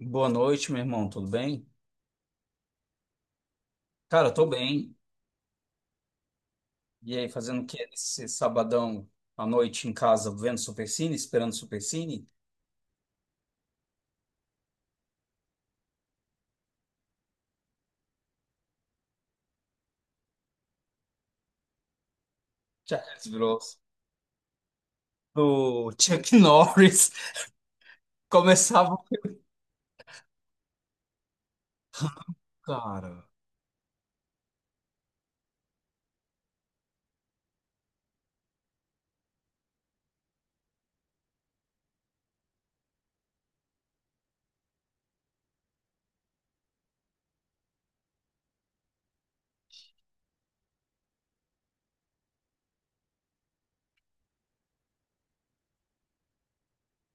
Boa noite, meu irmão, tudo bem? Cara, eu tô bem. E aí, fazendo o que nesse sabadão à noite em casa, vendo Supercine, esperando Supercine? Já virou do Chuck Norris. Começava, cara.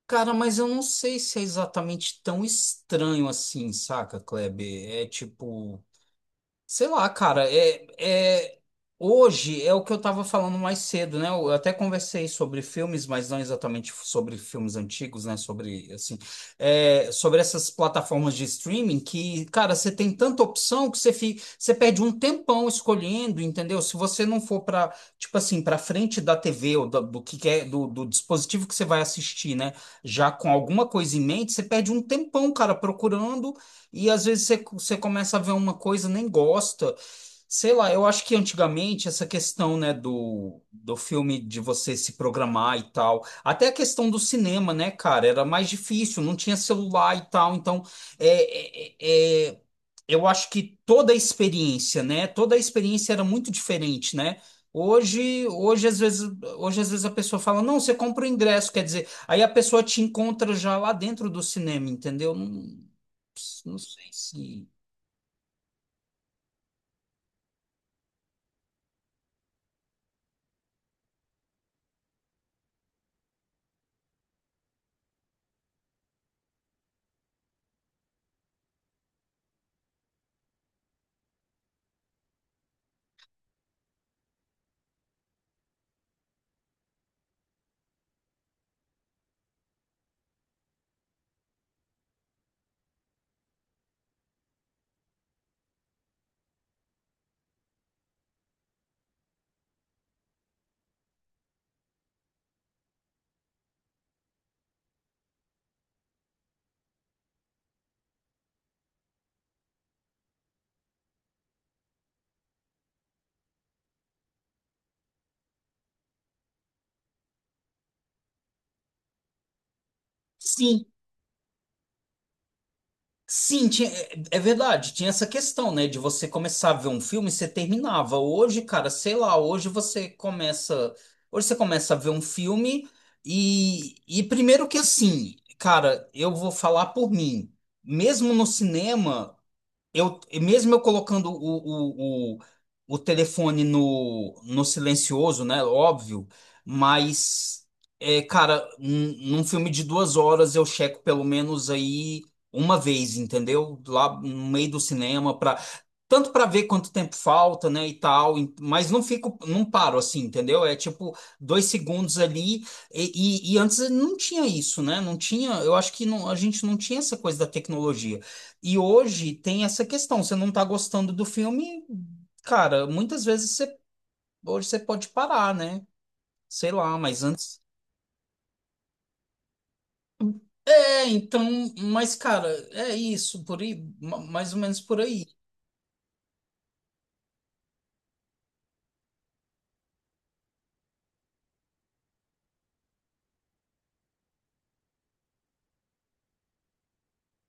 Cara, mas eu não sei se é exatamente tão estranho assim, saca, Kleber? É tipo. Sei lá, cara, hoje é o que eu estava falando mais cedo, né? Eu até conversei sobre filmes, mas não exatamente sobre filmes antigos, né? Sobre, assim, sobre essas plataformas de streaming que, cara, você tem tanta opção que você perde um tempão escolhendo, entendeu? Se você não for para, tipo assim, para frente da TV ou do que quer, do dispositivo que você vai assistir, né? Já com alguma coisa em mente, você perde um tempão, cara, procurando. E às vezes você começa a ver uma coisa, nem gosta. Sei lá, eu acho que antigamente essa questão, né, do filme de você se programar e tal, até a questão do cinema, né, cara, era mais difícil, não tinha celular e tal, então é, é, é- é, eu acho que toda a experiência, né, toda a experiência era muito diferente, né? Hoje, hoje às vezes, hoje às vezes a pessoa fala, não, você compra o ingresso, quer dizer, aí a pessoa te encontra já lá dentro do cinema, entendeu? Não sei se. Sim, sim, é verdade. Tinha essa questão, né? De você começar a ver um filme e você terminava. Hoje, cara, sei lá, hoje você começa. Hoje você começa a ver um filme primeiro que assim, cara, eu vou falar por mim. Mesmo no cinema. Eu mesmo eu colocando o telefone no silencioso, né? Óbvio, mas cara, num filme de 2 horas eu checo pelo menos aí uma vez, entendeu? Lá no meio do cinema tanto para ver quanto tempo falta, né, e tal, mas não fico, não paro assim, entendeu? É tipo 2 segundos ali, e antes não tinha isso, né? Não tinha, eu acho que não, a gente não tinha essa coisa da tecnologia. E hoje tem essa questão, você não tá gostando do filme, cara, muitas vezes hoje você pode parar, né? Sei lá, mas antes. É, então, mas cara, é isso, por aí, mais ou menos por aí.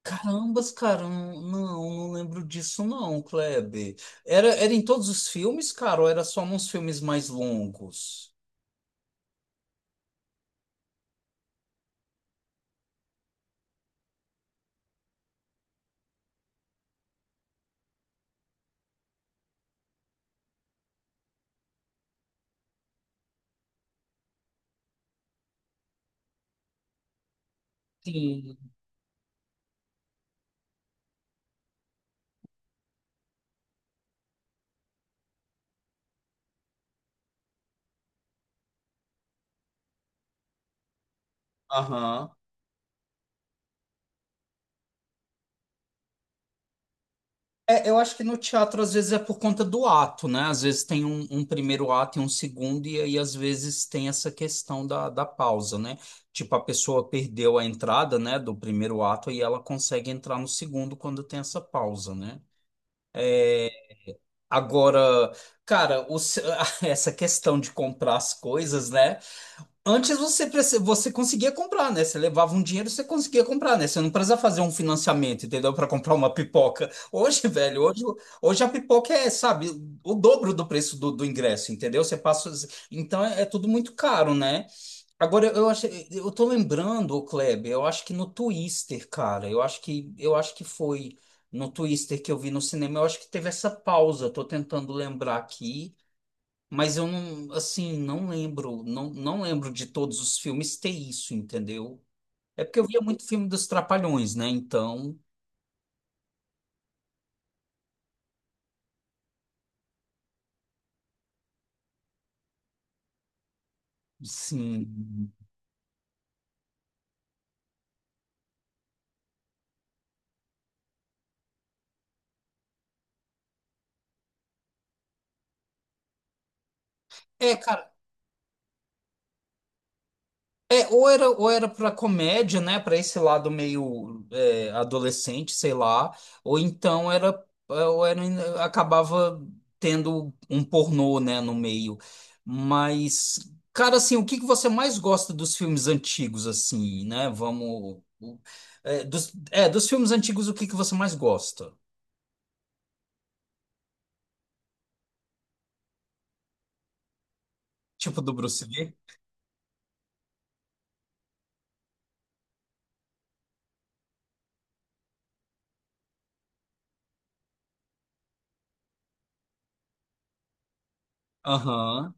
Carambas, cara, não, não não lembro disso não, Kleber. Era em todos os filmes, cara, ou era só nos filmes mais longos? Sim. Aham. É, eu acho que no teatro às vezes é por conta do ato, né? Às vezes tem um primeiro ato e um segundo, e aí às vezes tem essa questão da pausa, né? Tipo, a pessoa perdeu a entrada, né, do primeiro ato e ela consegue entrar no segundo quando tem essa pausa, né? Agora, cara, o se- essa questão de comprar as coisas, né? Antes você conseguia comprar, né? Você levava um dinheiro, você conseguia comprar, né? Você não precisava fazer um financiamento, entendeu? Para comprar uma pipoca. Hoje, velho, hoje a pipoca é, sabe, o dobro do preço do ingresso, entendeu? Você passa. Então é tudo muito caro, né? Agora eu acho, eu tô lembrando, ô Kleber, eu acho que no Twister, cara, eu acho que foi no Twister que eu vi no cinema, eu acho que teve essa pausa. Tô tentando lembrar aqui. Mas eu não, assim, não lembro de todos os filmes ter isso, entendeu? É porque eu via muito filme dos Trapalhões, né? Então, sim. Cara, ou era para comédia, né? Para esse lado meio adolescente, sei lá, ou então era, acabava tendo um pornô, né, no meio. Mas, cara, assim, o que que você mais gosta dos filmes antigos, assim, né? Vamos. Dos filmes antigos, o que que você mais gosta? Tipo do Bruce Lee? Aham.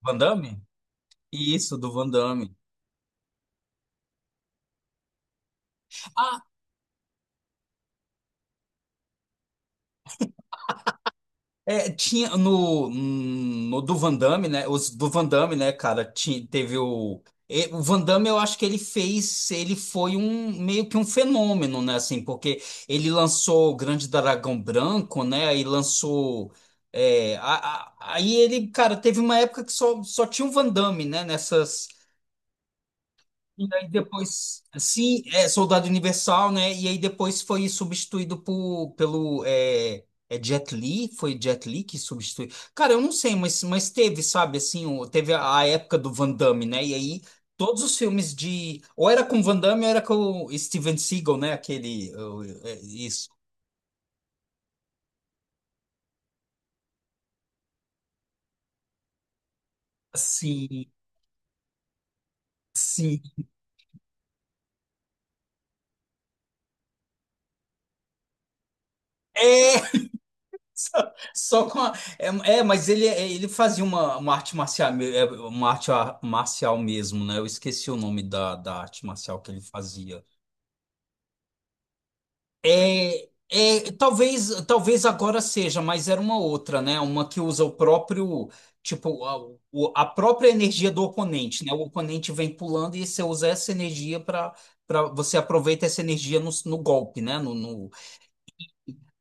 Van Damme? Isso, do Van Damme. Ah, tinha no, do Van Damme, né? Os do Van Damme, né, cara, teve o. O Van Damme, eu acho que ele foi um meio que um fenômeno, né? Assim, porque ele lançou o Grande Dragão Branco, né? Aí lançou. é, a- aí ele, cara, teve uma época que só tinha o Van Damme, né? Nessas. E aí depois, sim, é Soldado Universal, né? E aí depois foi substituído pelo Jet Li, foi Jet Li que substituiu. Cara, eu não sei, mas teve, sabe, assim, teve a época do Van Damme, né? E aí todos os filmes de, ou era com Van Damme, ou era com o Steven Seagal, né? Aquele, isso. Sim, sim. É, só com a... é, mas ele fazia uma arte marcial, uma arte marcial mesmo, né? Eu esqueci o nome da arte marcial que ele fazia. Talvez agora seja, mas era uma outra, né? Uma que usa o próprio, tipo, a própria energia do oponente, né? O oponente vem pulando e você usa essa energia para você aproveita essa energia no golpe, né? No...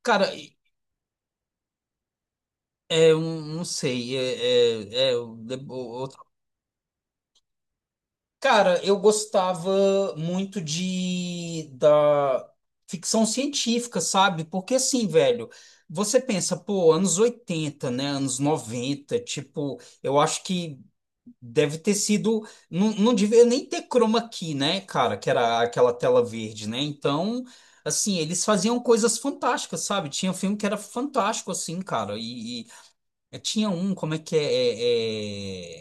Cara, eu não sei. Cara, eu gostava muito de da ficção científica, sabe? Porque assim, velho, você pensa, pô, anos 80 né? Anos 90 tipo, eu acho que deve ter sido. Não, não devia nem ter chroma key, né, cara? Que era aquela tela verde, né? Então, assim, eles faziam coisas fantásticas, sabe? Tinha um filme que era fantástico, assim, cara. E, eu tinha um, como é que é,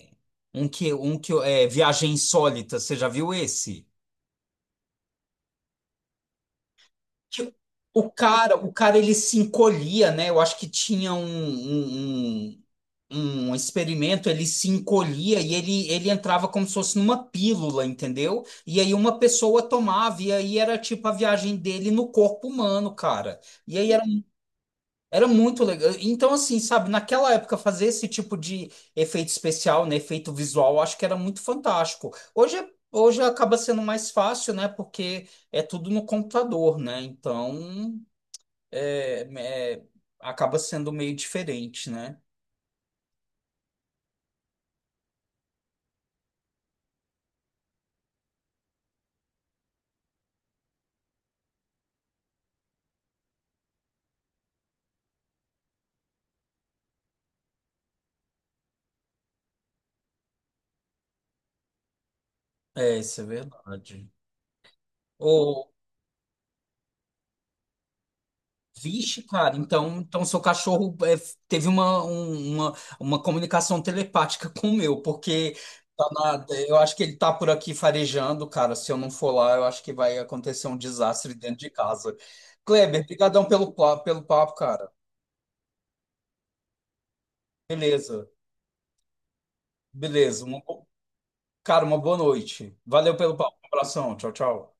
um que é Viagem Insólita, você já viu esse? Que o cara ele se encolhia, né? Eu acho que tinha um, um experimento, ele se encolhia e ele entrava como se fosse numa pílula, entendeu? E aí uma pessoa tomava e aí era tipo a viagem dele no corpo humano, cara. E aí era muito legal. Então, assim, sabe, naquela época fazer esse tipo de efeito especial, né, efeito visual, eu acho que era muito fantástico. Hoje, hoje acaba sendo mais fácil, né, porque é tudo no computador, né? Então, é, é- acaba sendo meio diferente, né? É, isso é verdade. Vixe, cara, então seu cachorro teve uma comunicação telepática com o meu, porque eu acho que ele tá por aqui farejando, cara. Se eu não for lá, eu acho que vai acontecer um desastre dentro de casa. Kleber, brigadão pelo papo, cara. Beleza, beleza. Cara, uma boa noite. Valeu pelo papo. Um abração. Tchau, tchau.